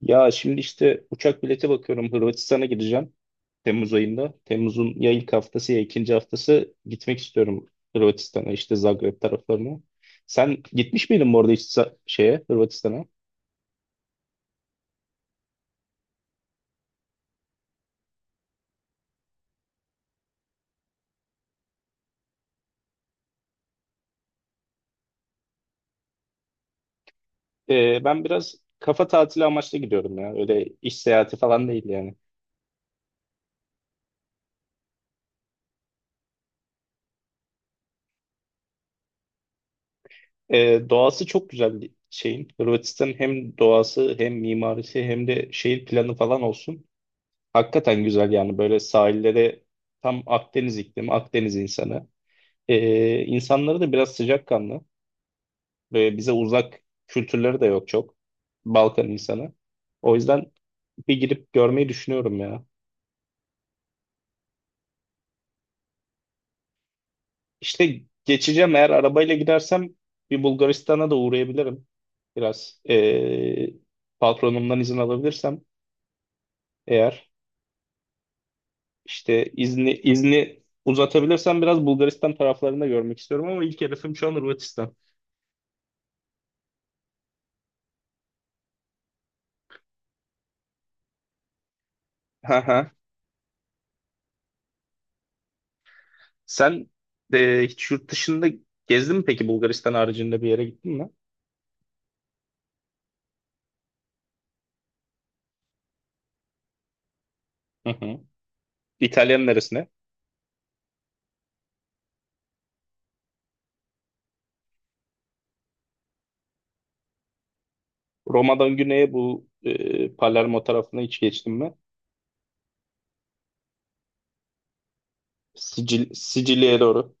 Ya şimdi işte uçak bileti bakıyorum. Hırvatistan'a gideceğim. Temmuz ayında. Temmuz'un ya ilk haftası ya ikinci haftası gitmek istiyorum Hırvatistan'a işte Zagreb taraflarına. Sen gitmiş miydin bu arada hiç sa- şeye Hırvatistan'a? Ben biraz kafa tatili amaçlı gidiyorum ya. Öyle iş seyahati falan değil yani. Doğası çok güzel bir şeyin. Hırvatistan'ın hem doğası hem mimarisi hem de şehir planı falan olsun. Hakikaten güzel yani böyle sahilleri tam Akdeniz iklimi, Akdeniz insanı. İnsanları da biraz sıcakkanlı ve bize uzak kültürleri de yok çok. Balkan insanı. O yüzden bir girip görmeyi düşünüyorum ya. İşte geçeceğim eğer arabayla gidersem bir Bulgaristan'a da uğrayabilirim. Biraz patronumdan izin alabilirsem eğer işte izni uzatabilirsem biraz Bulgaristan taraflarında görmek istiyorum ama ilk hedefim şu an Hırvatistan. Hı hı. Sen hiç yurt dışında gezdin mi peki Bulgaristan haricinde bir yere gittin mi? Hı hı. İtalya'nın neresine? Roma'dan güneye bu Palermo tarafına hiç geçtim mi? Sicilya'ya doğru.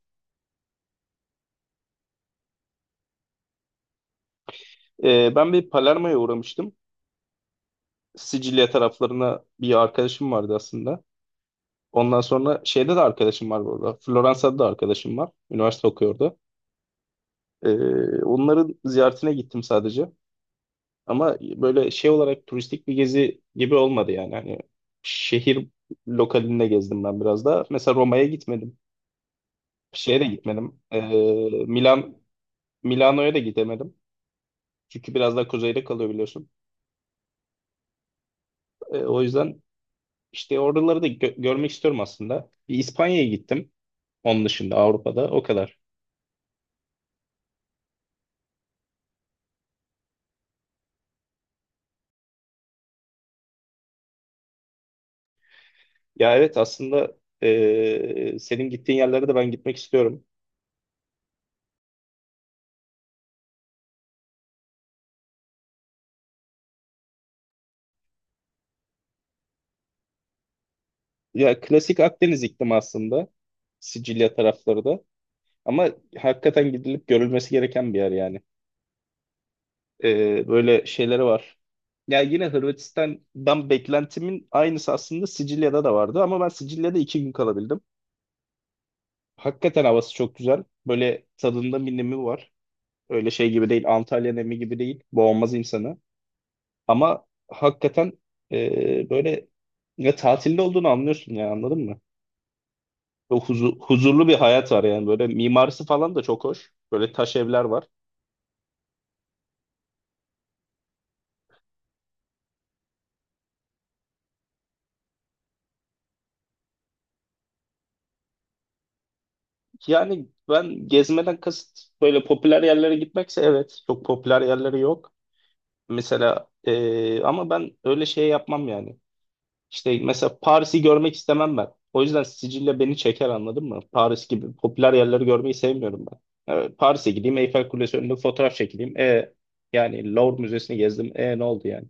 Ben bir Palermo'ya uğramıştım. Sicilya taraflarına bir arkadaşım vardı aslında. Ondan sonra şeyde de arkadaşım var burada. Floransa'da da arkadaşım var. Üniversite okuyordu. E, onların ziyaretine gittim sadece. Ama böyle şey olarak turistik bir gezi gibi olmadı yani. Hani şehir lokalinde gezdim ben biraz da. Mesela Roma'ya gitmedim. Şeye de gitmedim. Milan Milano'ya da gidemedim. Çünkü biraz daha kuzeyde kalıyor biliyorsun. O yüzden işte oraları da görmek istiyorum aslında. Bir İspanya'ya gittim. Onun dışında Avrupa'da o kadar. Ya evet aslında senin gittiğin yerlere de ben gitmek istiyorum. Ya klasik Akdeniz iklimi aslında. Sicilya tarafları da. Ama hakikaten gidilip görülmesi gereken bir yer yani. Böyle şeyleri var. Ya yine Hırvatistan'dan beklentimin aynısı aslında Sicilya'da da vardı ama ben Sicilya'da iki gün kalabildim. Hakikaten havası çok güzel. Böyle tadında bir nemi var. Öyle şey gibi değil, Antalya nemi gibi değil. Boğmaz insanı. Ama hakikaten böyle ya tatilde olduğunu anlıyorsun ya anladın mı? Böyle huzurlu bir hayat var yani böyle mimarisi falan da çok hoş. Böyle taş evler var. Yani ben gezmeden kasıt böyle popüler yerlere gitmekse evet çok popüler yerleri yok. Mesela ama ben öyle şey yapmam yani. İşte mesela Paris'i görmek istemem ben. O yüzden Sicilya beni çeker anladın mı? Paris gibi popüler yerleri görmeyi sevmiyorum ben. Paris'e gideyim Eyfel Kulesi önünde fotoğraf çekileyim. Yani Louvre Müzesi'ni gezdim. E ne oldu yani?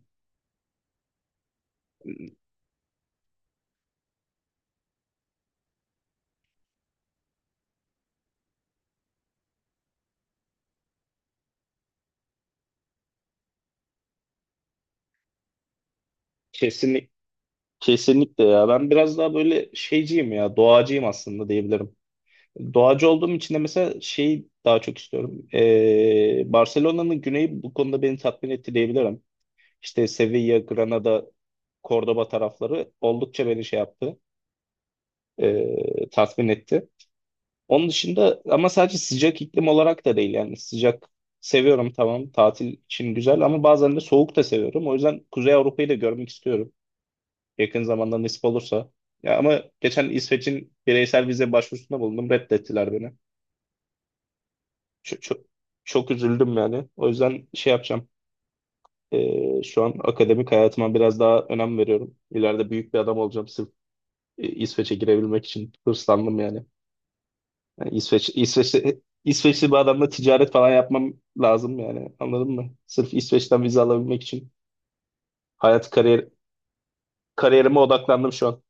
Kesinlikle. Kesinlikle ya. Ben biraz daha böyle şeyciyim ya. Doğacıyım aslında diyebilirim. Doğacı olduğum için de mesela şeyi daha çok istiyorum. Barcelona'nın güneyi bu konuda beni tatmin etti diyebilirim. İşte Sevilla, Granada, Cordoba tarafları oldukça beni şey yaptı. Tatmin etti. Onun dışında ama sadece sıcak iklim olarak da değil yani sıcak seviyorum tamam tatil için güzel ama bazen de soğuk da seviyorum. O yüzden Kuzey Avrupa'yı da görmek istiyorum. Yakın zamanda nasip olursa. Ya ama geçen İsveç'in bireysel vize başvurusunda bulundum. Reddettiler beni. Çok, çok, çok üzüldüm yani. O yüzden şey yapacağım. Şu an akademik hayatıma biraz daha önem veriyorum. İleride büyük bir adam olacağım. Sırf İsveç'e girebilmek için hırslandım yani. Yani İsveç'te İsveçli bir adamla ticaret falan yapmam lazım yani. Anladın mı? Sırf İsveç'ten vize alabilmek için hayat kariyerime odaklandım şu an.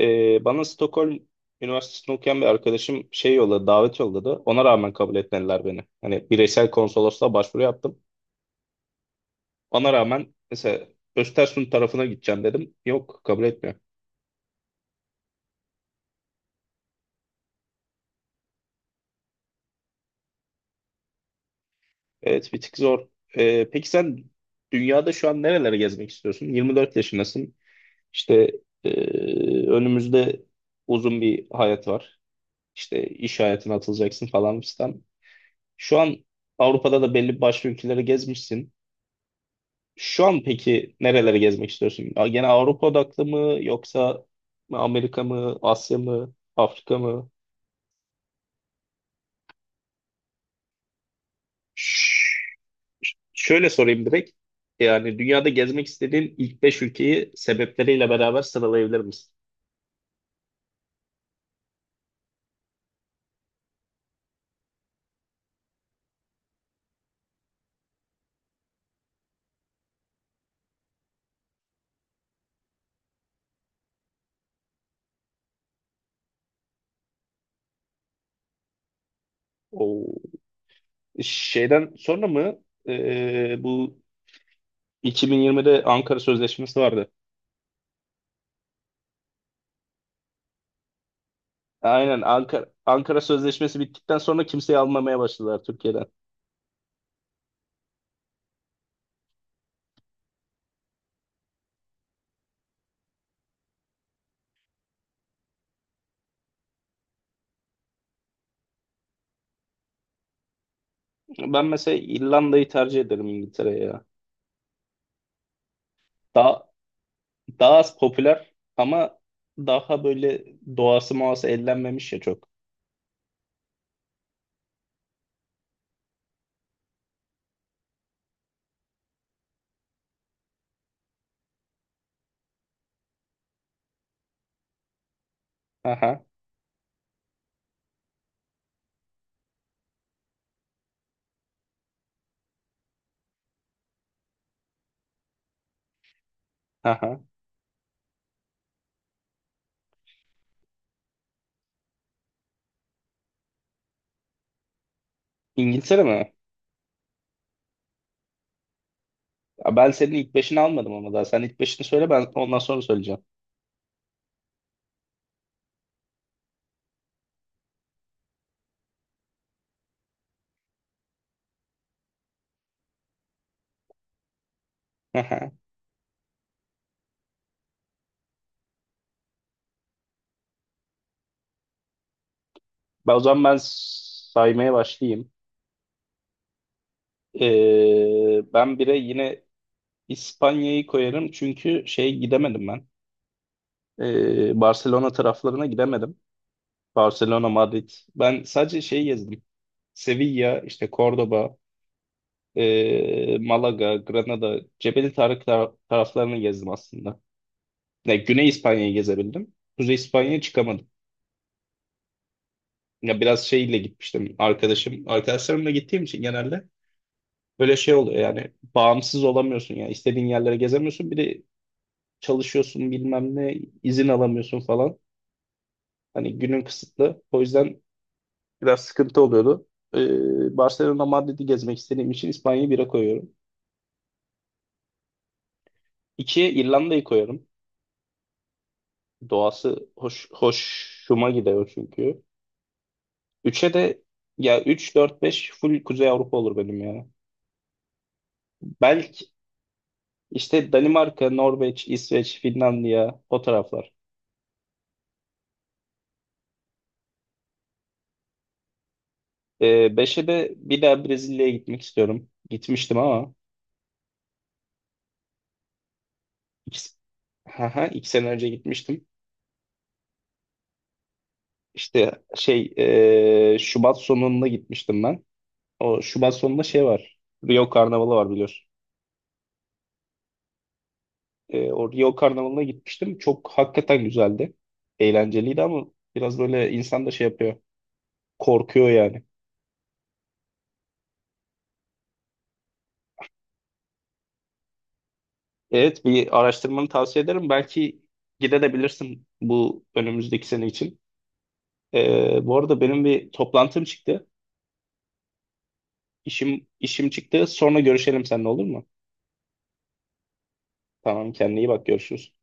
Bana Stockholm Üniversitesi'nde okuyan bir arkadaşım şey yolladı, davet yolladı. Ona rağmen kabul etmediler beni. Hani bireysel konsolosluğa başvuru yaptım. Ona rağmen mesela Östersund tarafına gideceğim dedim. Yok, kabul etmiyor. Evet, bir tık zor. Peki sen dünyada şu an nerelere gezmek istiyorsun? 24 yaşındasın. İşte ee, önümüzde uzun bir hayat var. İşte iş hayatına atılacaksın falan fistan. Şu an Avrupa'da da belli başka ülkeleri gezmişsin. Şu an peki nerelere gezmek istiyorsun? Gene Avrupa odaklı mı yoksa Amerika mı, Asya mı, Afrika mı? Ş- Şöyle sorayım direkt. Yani dünyada gezmek istediğin ilk 5 ülkeyi sebepleriyle beraber sıralayabilir misin? O şeyden sonra mı bu 2020'de Ankara Sözleşmesi vardı. Aynen Ankara Sözleşmesi bittikten sonra kimseyi almamaya başladılar Türkiye'den. Ben mesela İrlanda'yı tercih ederim İngiltere'ye ya. Daha Daha az popüler ama daha böyle doğası muası ellenmemiş ya çok. Aha, aha. İngiltere mi? Ya ben senin ilk beşini almadım ama daha. Sen ilk beşini söyle ben ondan sonra söyleyeceğim. Aha. Ben o zaman saymaya başlayayım. Ben bire yine İspanya'yı koyarım çünkü şey gidemedim ben. Barcelona taraflarına gidemedim. Barcelona, Madrid. Ben sadece şey gezdim. Sevilla, işte Cordoba, Malaga, Granada, Cebeli Tarık taraflarını gezdim aslında. Ya, Güney İspanya'yı gezebildim. Kuzey İspanya'ya çıkamadım. Ya biraz şeyle gitmiştim arkadaşım. Arkadaşlarımla gittiğim için genelde böyle şey oluyor yani bağımsız olamıyorsun ya. İstediğin yerlere gezemiyorsun. Bir de çalışıyorsun bilmem ne izin alamıyorsun falan. Hani günün kısıtlı. O yüzden biraz sıkıntı oluyordu. Barcelona, Madrid'i gezmek istediğim için İspanya'yı bire koyuyorum. İkiye İrlanda'yı koyuyorum. Doğası hoş, hoşuma gidiyor çünkü. Üçe de ya 3 4 5 full Kuzey Avrupa olur benim ya. Belki işte Danimarka, Norveç, İsveç, Finlandiya o taraflar. Ee, 5'e de bir daha Brezilya'ya gitmek istiyorum. Gitmiştim ama iki, iki sene önce gitmiştim. İşte Şubat sonunda gitmiştim ben. O Şubat sonunda şey var. Rio Karnavalı var biliyorsun. O Rio Karnavalı'na gitmiştim. Çok hakikaten güzeldi. Eğlenceliydi ama biraz böyle insan da şey yapıyor. Korkuyor yani. Evet bir araştırmanı tavsiye ederim. Belki gidebilirsin bu önümüzdeki sene için. Bu arada benim bir toplantım çıktı. İşim çıktı. Sonra görüşelim seninle olur mu? Tamam kendine iyi bak görüşürüz.